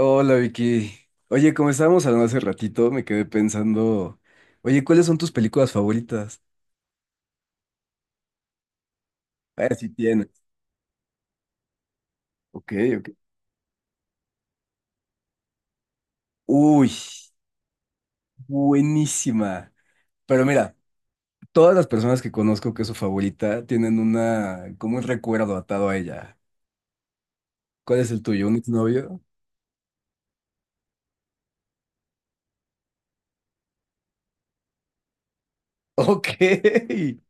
Hola Vicky. Oye, como estábamos hablando hace ratito, me quedé pensando, oye, ¿cuáles son tus películas favoritas? A ver si tienes. Ok, ok. Uy, buenísima. Pero mira, todas las personas que conozco que es su favorita tienen una, como un recuerdo atado a ella. ¿Cuál es el tuyo? ¿Un exnovio? Ok.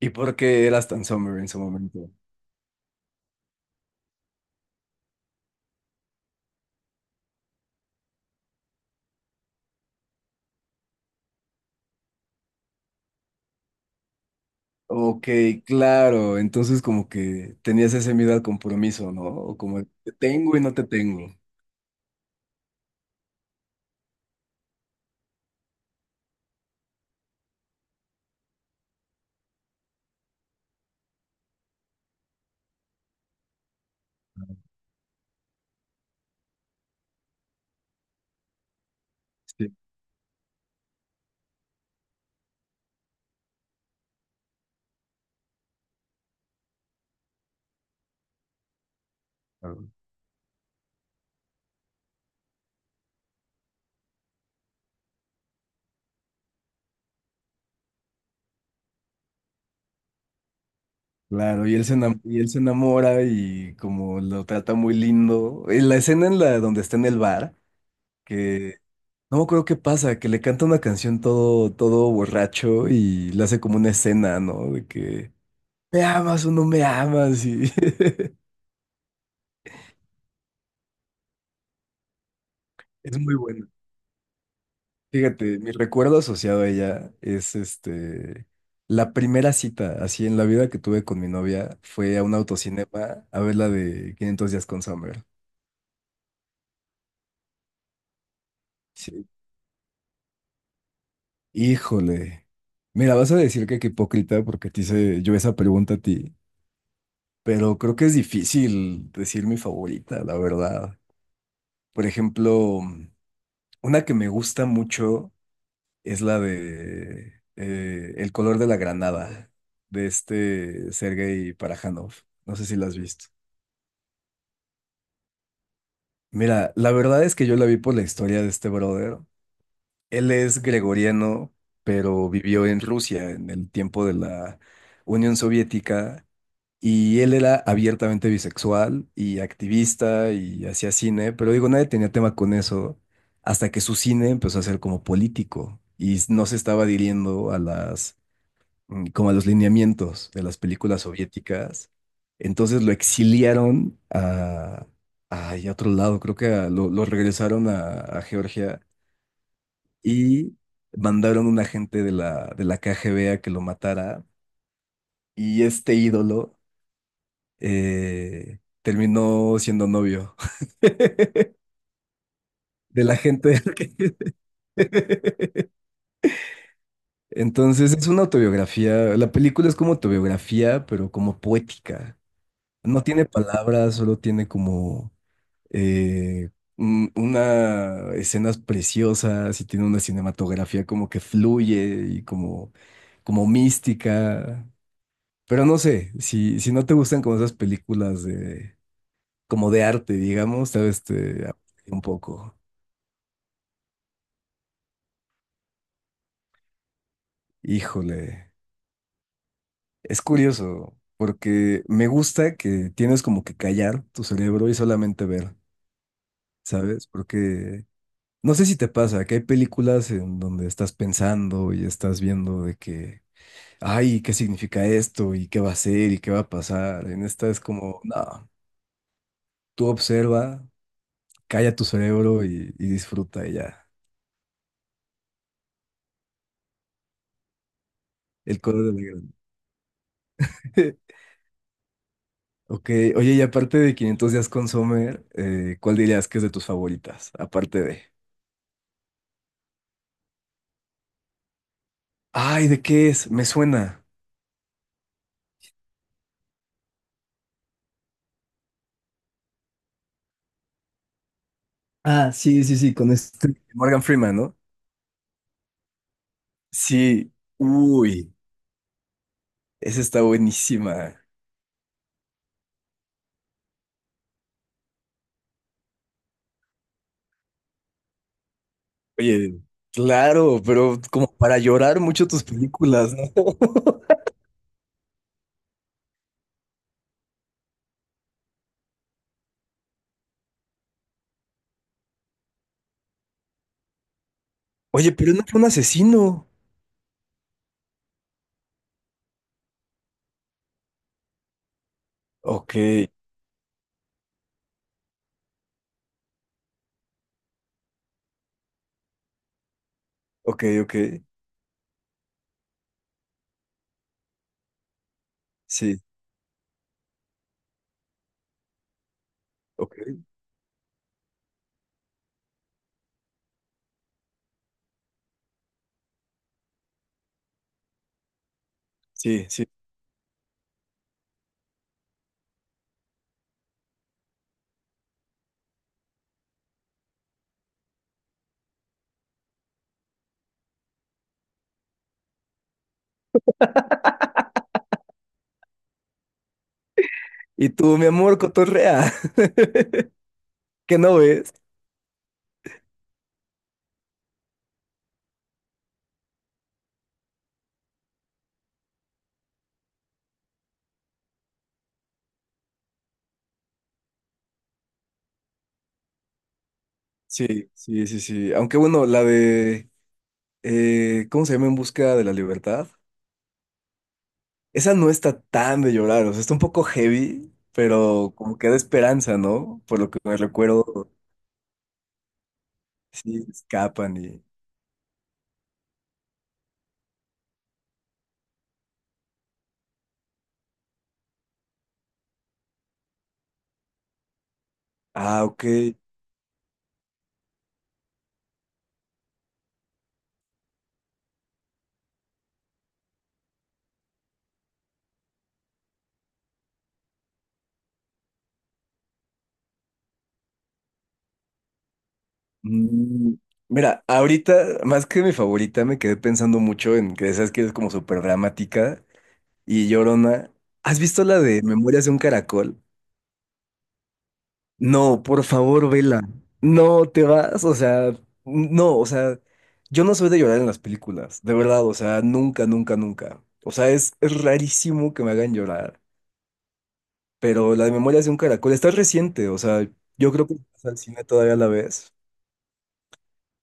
¿Y por qué eras tan summer en su momento? Ok, claro. Entonces como que tenías ese miedo al compromiso, ¿no? O como, te tengo y no te tengo. Sí, claro. Claro, y y él se enamora y como lo trata muy lindo. En la escena en la donde está en el bar, que no me acuerdo qué pasa, que le canta una canción todo, todo borracho y le hace como una escena, ¿no? De que me amas o no me amas y es muy bueno. Fíjate, mi recuerdo asociado a ella es este, la primera cita así en la vida que tuve con mi novia fue a un autocinema a ver la de Quinientos días con Summer. Sí. Híjole. Mira, vas a decir que qué hipócrita porque te hice yo esa pregunta a ti, pero creo que es difícil decir mi favorita, la verdad. Por ejemplo, una que me gusta mucho es la de El color de la granada, de este Sergei Parajanov. No sé si la has visto. Mira, la verdad es que yo la vi por la historia de este brother. Él es gregoriano, pero vivió en Rusia en el tiempo de la Unión Soviética. Y él era abiertamente bisexual y activista y hacía cine, pero digo, nadie tenía tema con eso hasta que su cine empezó a ser como político y no se estaba adhiriendo a las, como a los lineamientos de las películas soviéticas. Entonces lo exiliaron a otro lado, creo que lo regresaron a Georgia y mandaron un agente de la KGB a que lo matara y este ídolo terminó siendo novio de la gente. Entonces es una autobiografía, la película es como autobiografía, pero como poética. No tiene palabras, solo tiene como eh, una escenas preciosas y tiene una cinematografía como que fluye y como mística. Pero no sé, si no te gustan como esas películas de, como de arte, digamos, tal vez te aburre un poco. Híjole, es curioso, porque me gusta que tienes como que callar tu cerebro y solamente ver, ¿sabes? Porque no sé si te pasa que hay películas en donde estás pensando y estás viendo de que, ay, ¿qué significa esto? ¿Y qué va a ser? ¿Y qué va a pasar? En esta es como, no, tú observa, calla tu cerebro y disfruta y ya. El color de la grande. Ok, oye, y aparte de Quinientos días con Sommer, ¿cuál dirías que es de tus favoritas? Aparte de... Ay, ¿de qué es? Me suena. Ah, sí, sí, sí, con Morgan Freeman, ¿no? Sí. Uy, esa está buenísima. Oye, claro, pero como para llorar mucho tus películas, ¿no? Oye, pero no fue un asesino. Ok, ok, ok. Sí, ok, sí, sí. Y tú, mi amor, cotorrea. ¿Qué no ves? Sí, sí, sí, sí. Aunque bueno, la de... ¿cómo se llama? En busca de la libertad. Esa no está tan de llorar, o sea, está un poco heavy, pero como que da esperanza, ¿no? Por lo que me recuerdo, sí, escapan y... Ah, ok. Mm, Mira, ahorita, más que mi favorita, me quedé pensando mucho en que esas que es como súper dramática y llorona. ¿Has visto la de Memorias de un Caracol? No, por favor, vela. No te vas, o sea, no, o sea, yo no soy de llorar en las películas, de verdad, o sea, nunca, nunca, nunca. O sea, es rarísimo que me hagan llorar, pero la de Memorias de un Caracol está reciente, o sea, yo creo que vas al cine todavía la ves.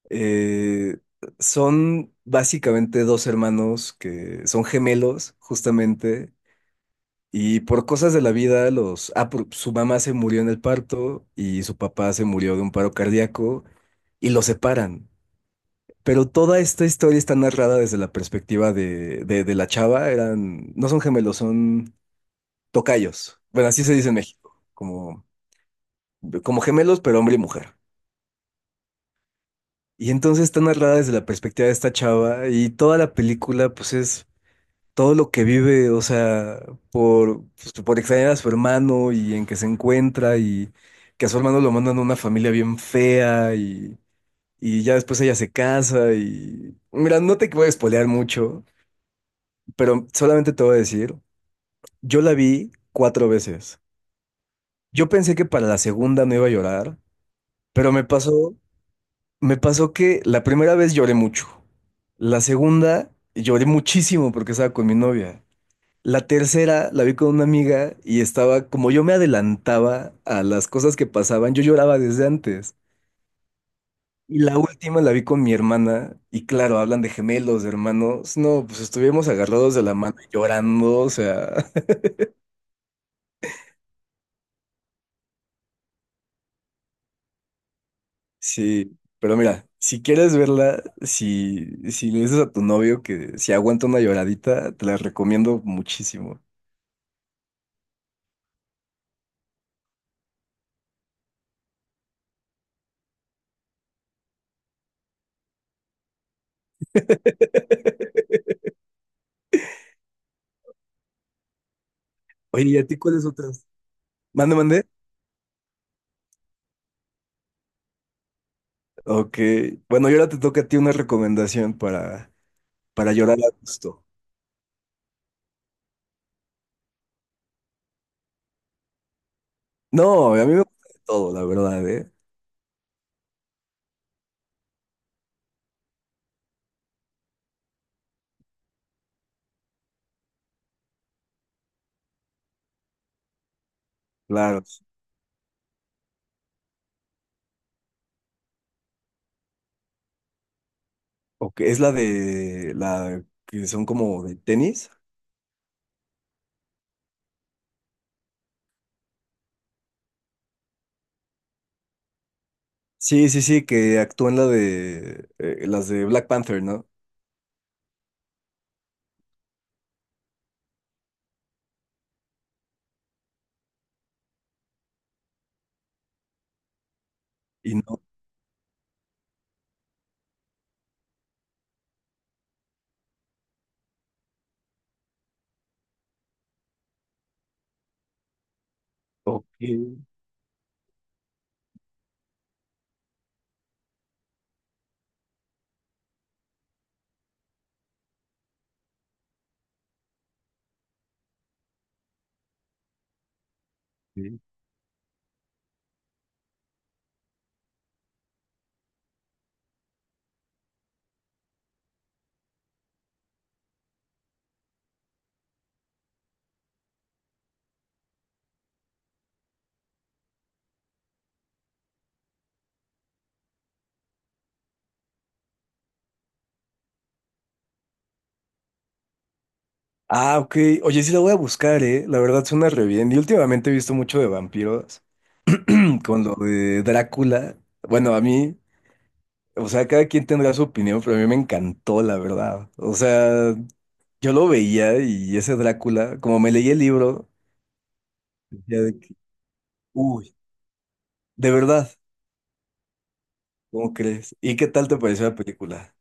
Eh, Son básicamente dos hermanos que son gemelos, justamente, y por cosas de la vida, los... Ah, su mamá se murió en el parto y su papá se murió de un paro cardíaco y los separan. Pero toda esta historia está narrada desde la perspectiva de la chava. Eran, no son gemelos, son tocayos. Bueno, así se dice en México, como, gemelos, pero hombre y mujer. Y entonces está narrada desde la perspectiva de esta chava y toda la película, pues es todo lo que vive, o sea, pues, por extrañar a su hermano y en que se encuentra y que a su hermano lo mandan a una familia bien fea y ya después ella se casa y... Mira, no te voy a spoilear mucho, pero solamente te voy a decir, yo la vi cuatro veces. Yo pensé que para la segunda no iba a llorar, pero me pasó que la primera vez lloré mucho. La segunda lloré muchísimo porque estaba con mi novia. La tercera la vi con una amiga y estaba, como yo me adelantaba a las cosas que pasaban, yo lloraba desde antes. Y la última la vi con mi hermana y claro, hablan de gemelos, de hermanos. No, pues estuvimos agarrados de la mano y llorando, o sea, sí. Pero mira, si quieres verla, si le dices a tu novio que si aguanta una lloradita, te la recomiendo muchísimo. Oye, ¿y a ti cuáles otras? Mande, mande. Ok. Bueno, y ahora te toca a ti una recomendación para llorar a gusto. No, a mí me gusta de todo, la verdad, ¿eh? Claro. O que es la de la que son como de tenis. Sí, sí, sí, que actúan la de las de Black Panther, ¿no? Y no. Ok, sí. Ah, ok. Oye, sí la voy a buscar, ¿eh? La verdad suena re bien. Y últimamente he visto mucho de vampiros con lo de Drácula. Bueno, a mí, o sea, cada quien tendrá su opinión, pero a mí me encantó, la verdad. O sea, yo lo veía y ese Drácula, como me leí el libro, uy, de verdad, ¿cómo crees? ¿Y qué tal te pareció la película?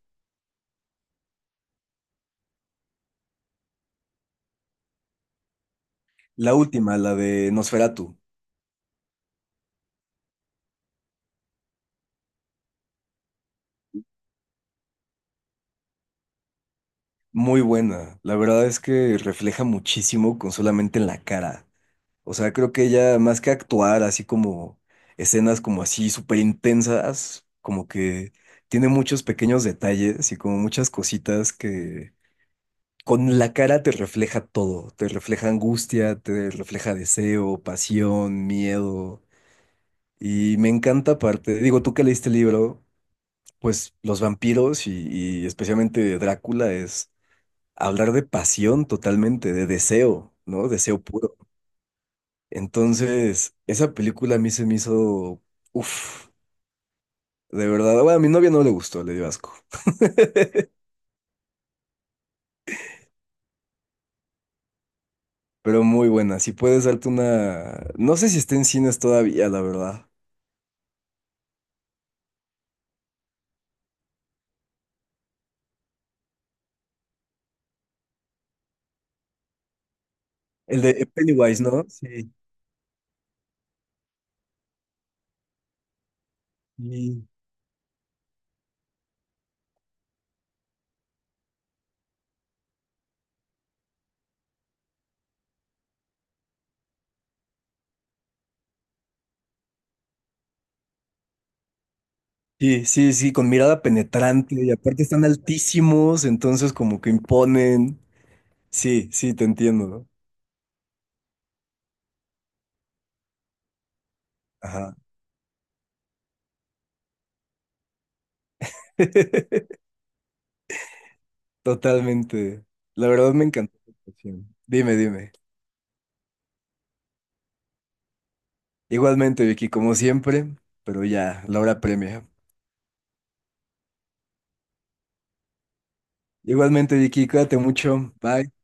La última, la de Nosferatu, muy buena. La verdad es que refleja muchísimo con solamente en la cara. O sea, creo que ella, más que actuar así como escenas como así súper intensas, como que tiene muchos pequeños detalles y como muchas cositas que con la cara te refleja todo. Te refleja angustia, te refleja deseo, pasión, miedo. Y me encanta aparte, digo, tú que leíste el libro, pues los vampiros y especialmente Drácula es hablar de pasión totalmente, de deseo, ¿no? Deseo puro. Entonces, esa película a mí se me hizo, uff, de verdad. Bueno, a mi novia no le gustó, le dio asco, pero muy buena. Si puedes darte una, no sé si está en cines todavía, la verdad. El de Pennywise, ¿no? Sí. Sí. Sí, sí, sí, con mirada penetrante y aparte están altísimos, entonces como que imponen. Sí, sí, te entiendo, ¿no? Ajá. Totalmente. La verdad me encantó tu canción. Dime, dime. Igualmente, Vicky, como siempre, pero ya, la hora premia. Igualmente, Vicky, cuídate mucho. Bye.